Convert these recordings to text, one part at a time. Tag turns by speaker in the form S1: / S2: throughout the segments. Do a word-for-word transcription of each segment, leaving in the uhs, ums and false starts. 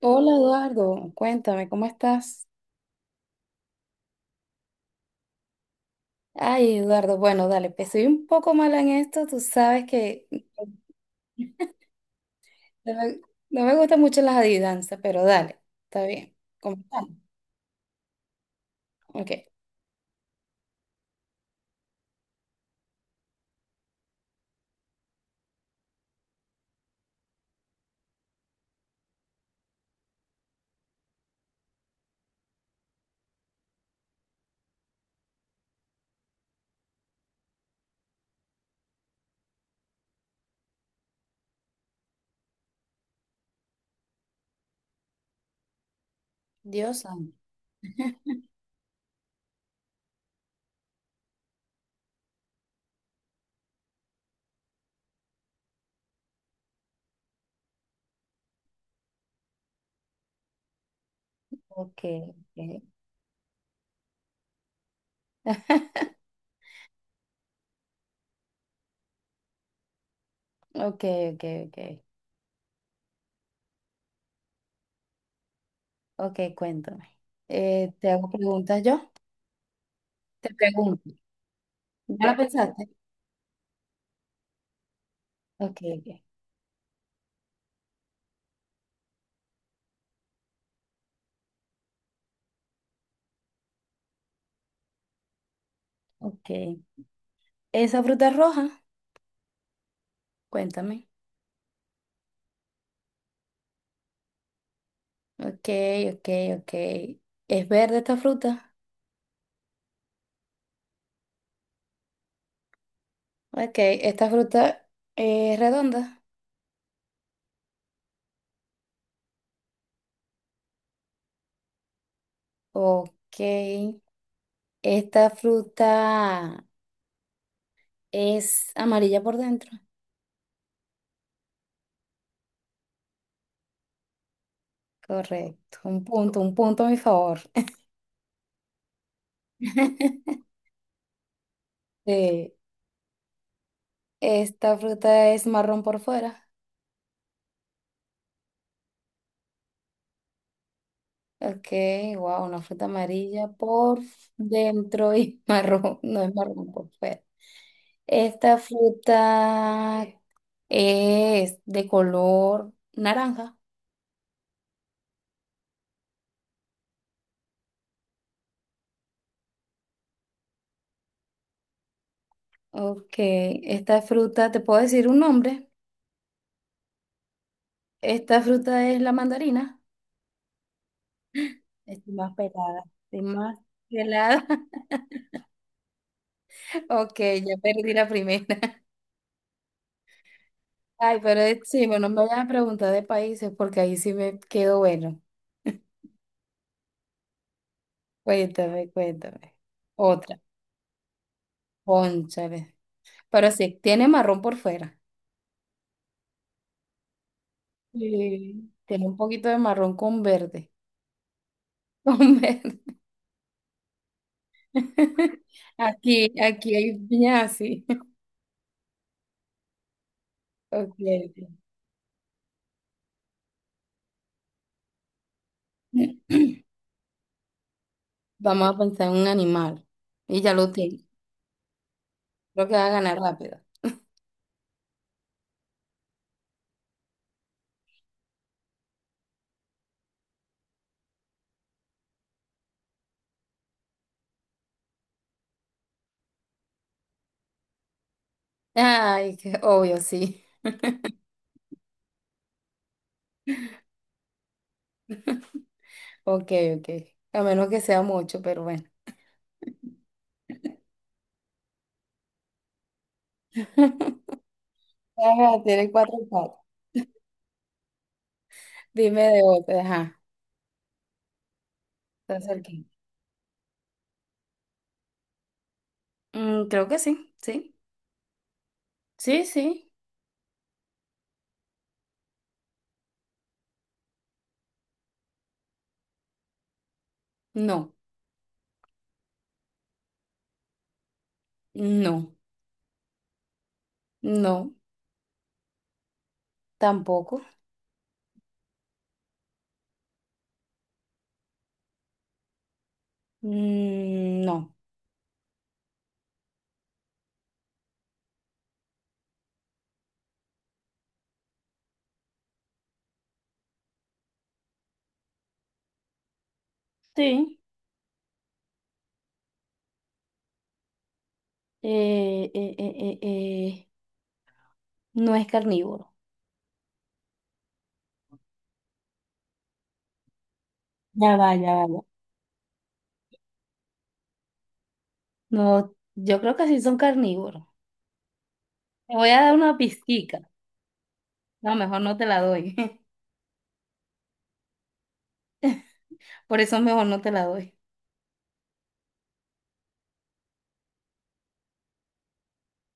S1: Hola Eduardo, cuéntame, ¿cómo estás? Ay, Eduardo, bueno, dale, pues soy un poco mala en esto, tú sabes que no me, no me gustan mucho las adivinanzas, pero dale, está bien. Comenzamos. Ok. Dios santo. Ok, ok, ok, ok, ok, ok, cuéntame. Eh, ¿te hago preguntas yo? Te pregunto. ¿Ya la pensaste? Ok, ok, ok. ¿Esa fruta es roja? Cuéntame. Ok, ok, ok. ¿Es verde esta fruta? Ok, esta fruta es redonda. Ok, esta fruta es amarilla por dentro. Correcto, un punto, un punto a mi favor. Sí, esta fruta es marrón por fuera. Ok, wow, una fruta amarilla por dentro y marrón, no es marrón por fuera. Esta fruta es de color naranja. Ok, esta fruta, ¿te puedo decir un nombre? Esta fruta es la mandarina. Estoy más pelada, estoy más pelada. Ok, ya perdí la primera. Ay, pero es- sí, bueno, no me vayas a preguntar de países porque ahí sí me quedo bueno. Cuéntame, cuéntame. Otra, cónchale. Pero sí, tiene marrón por fuera. Sí. Tiene un poquito de marrón con verde. Con verde. Aquí, aquí hay piña así. Ok. Vamos a pensar en un animal. Y ya lo tengo. Creo que va a ganar rápido. Ay, qué obvio, sí. Ok, ok. A menos que sea mucho, pero bueno. Ajá, tiene cuatro patas. Dime de otra, ajá. ¿Estás aquí? Mm, creo que sí, sí. Sí, sí. No, no, no, tampoco. Mm, no. Sí. Eh, eh, eh, eh, eh, No es carnívoro. Ya va, ya va. Ya. No, yo creo que sí son carnívoros. Te voy a dar una pizquica. No, mejor no te la doy. Por eso mejor no te la doy.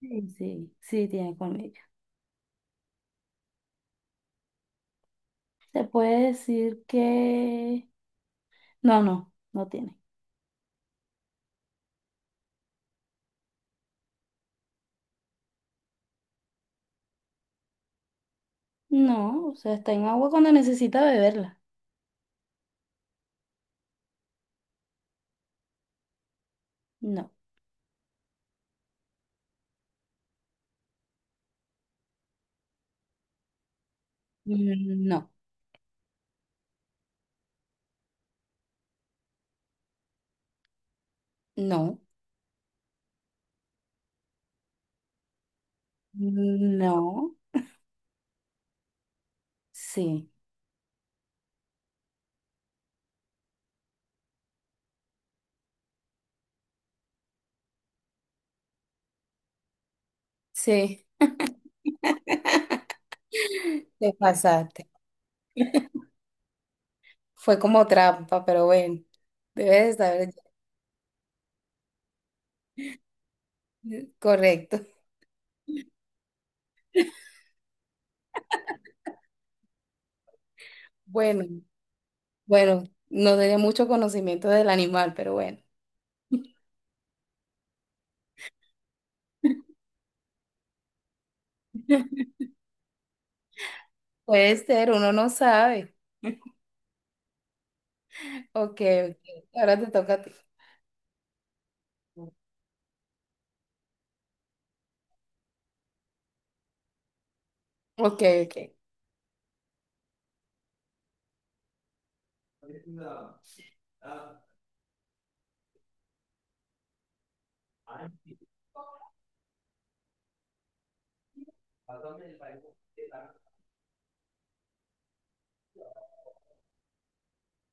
S1: Sí, sí, sí tiene colmillo. Se puede decir que... No, no, no tiene. No, o sea, está en agua cuando necesita beberla. No. Mm, no, no, no, sí, sí. Te pasaste. Fue como trampa, pero bueno, debes de saber. Correcto. Bueno, bueno, no tenía mucho conocimiento del animal, pero bueno. Puede ser, uno no sabe. Ok, ok. Ahora te toca a ti. Ok, ok.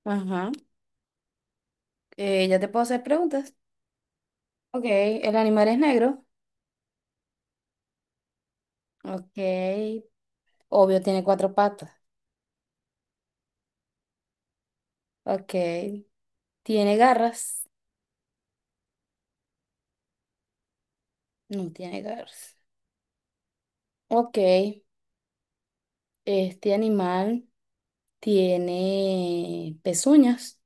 S1: Ajá. Eh, ya te puedo hacer preguntas. Ok, el animal es negro. Ok. Obvio, tiene cuatro patas. Ok. ¿Tiene garras? No tiene garras. Ok. Este animal tiene pezuñas.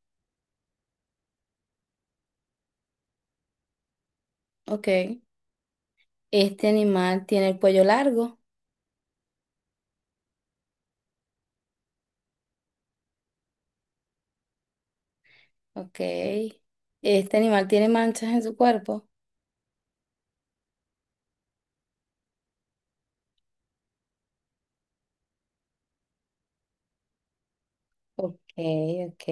S1: Ok. Este animal tiene el cuello largo. Ok. Este animal tiene manchas en su cuerpo. Ok, ok.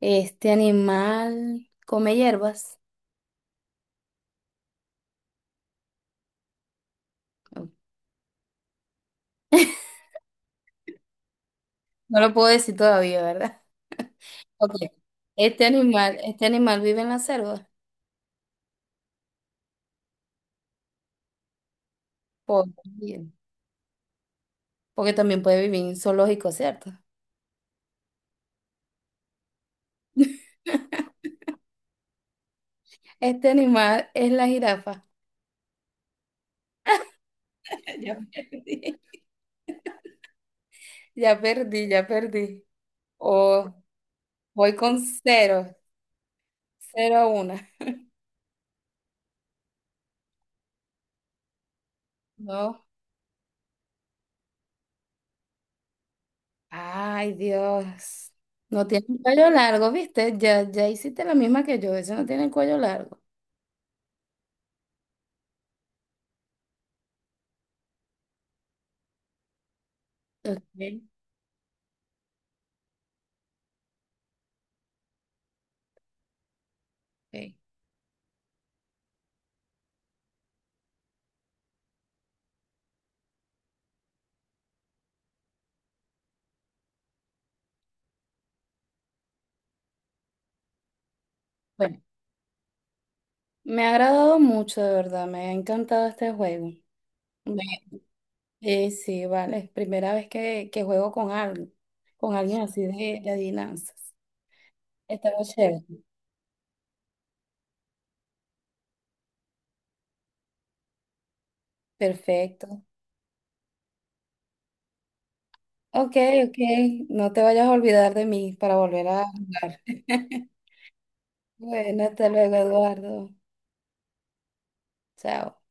S1: Este animal come hierbas. No. No lo puedo decir todavía, ¿verdad? Ok. Este animal, este animal vive en la selva. Por- bien. Porque también puede vivir en zoológico, ¿cierto? Este animal es la jirafa. Ya perdí. Ya perdí, ya perdí. O voy con cero, cero a una. No. Ay, Dios. No tiene el cuello largo, ¿viste? Ya, ya hiciste la misma que yo. Ese no tiene el cuello largo. Ok, ok. Bueno. Me ha agradado mucho, de verdad, me ha encantado este juego. Me- eh, sí, vale, es primera vez que, que juego con alguien, con alguien, así de, de adivinanzas. Está muy chévere. Perfecto. Ok, ok, no te vayas a olvidar de mí para volver a jugar. Bueno, hasta luego, Eduardo. Chao.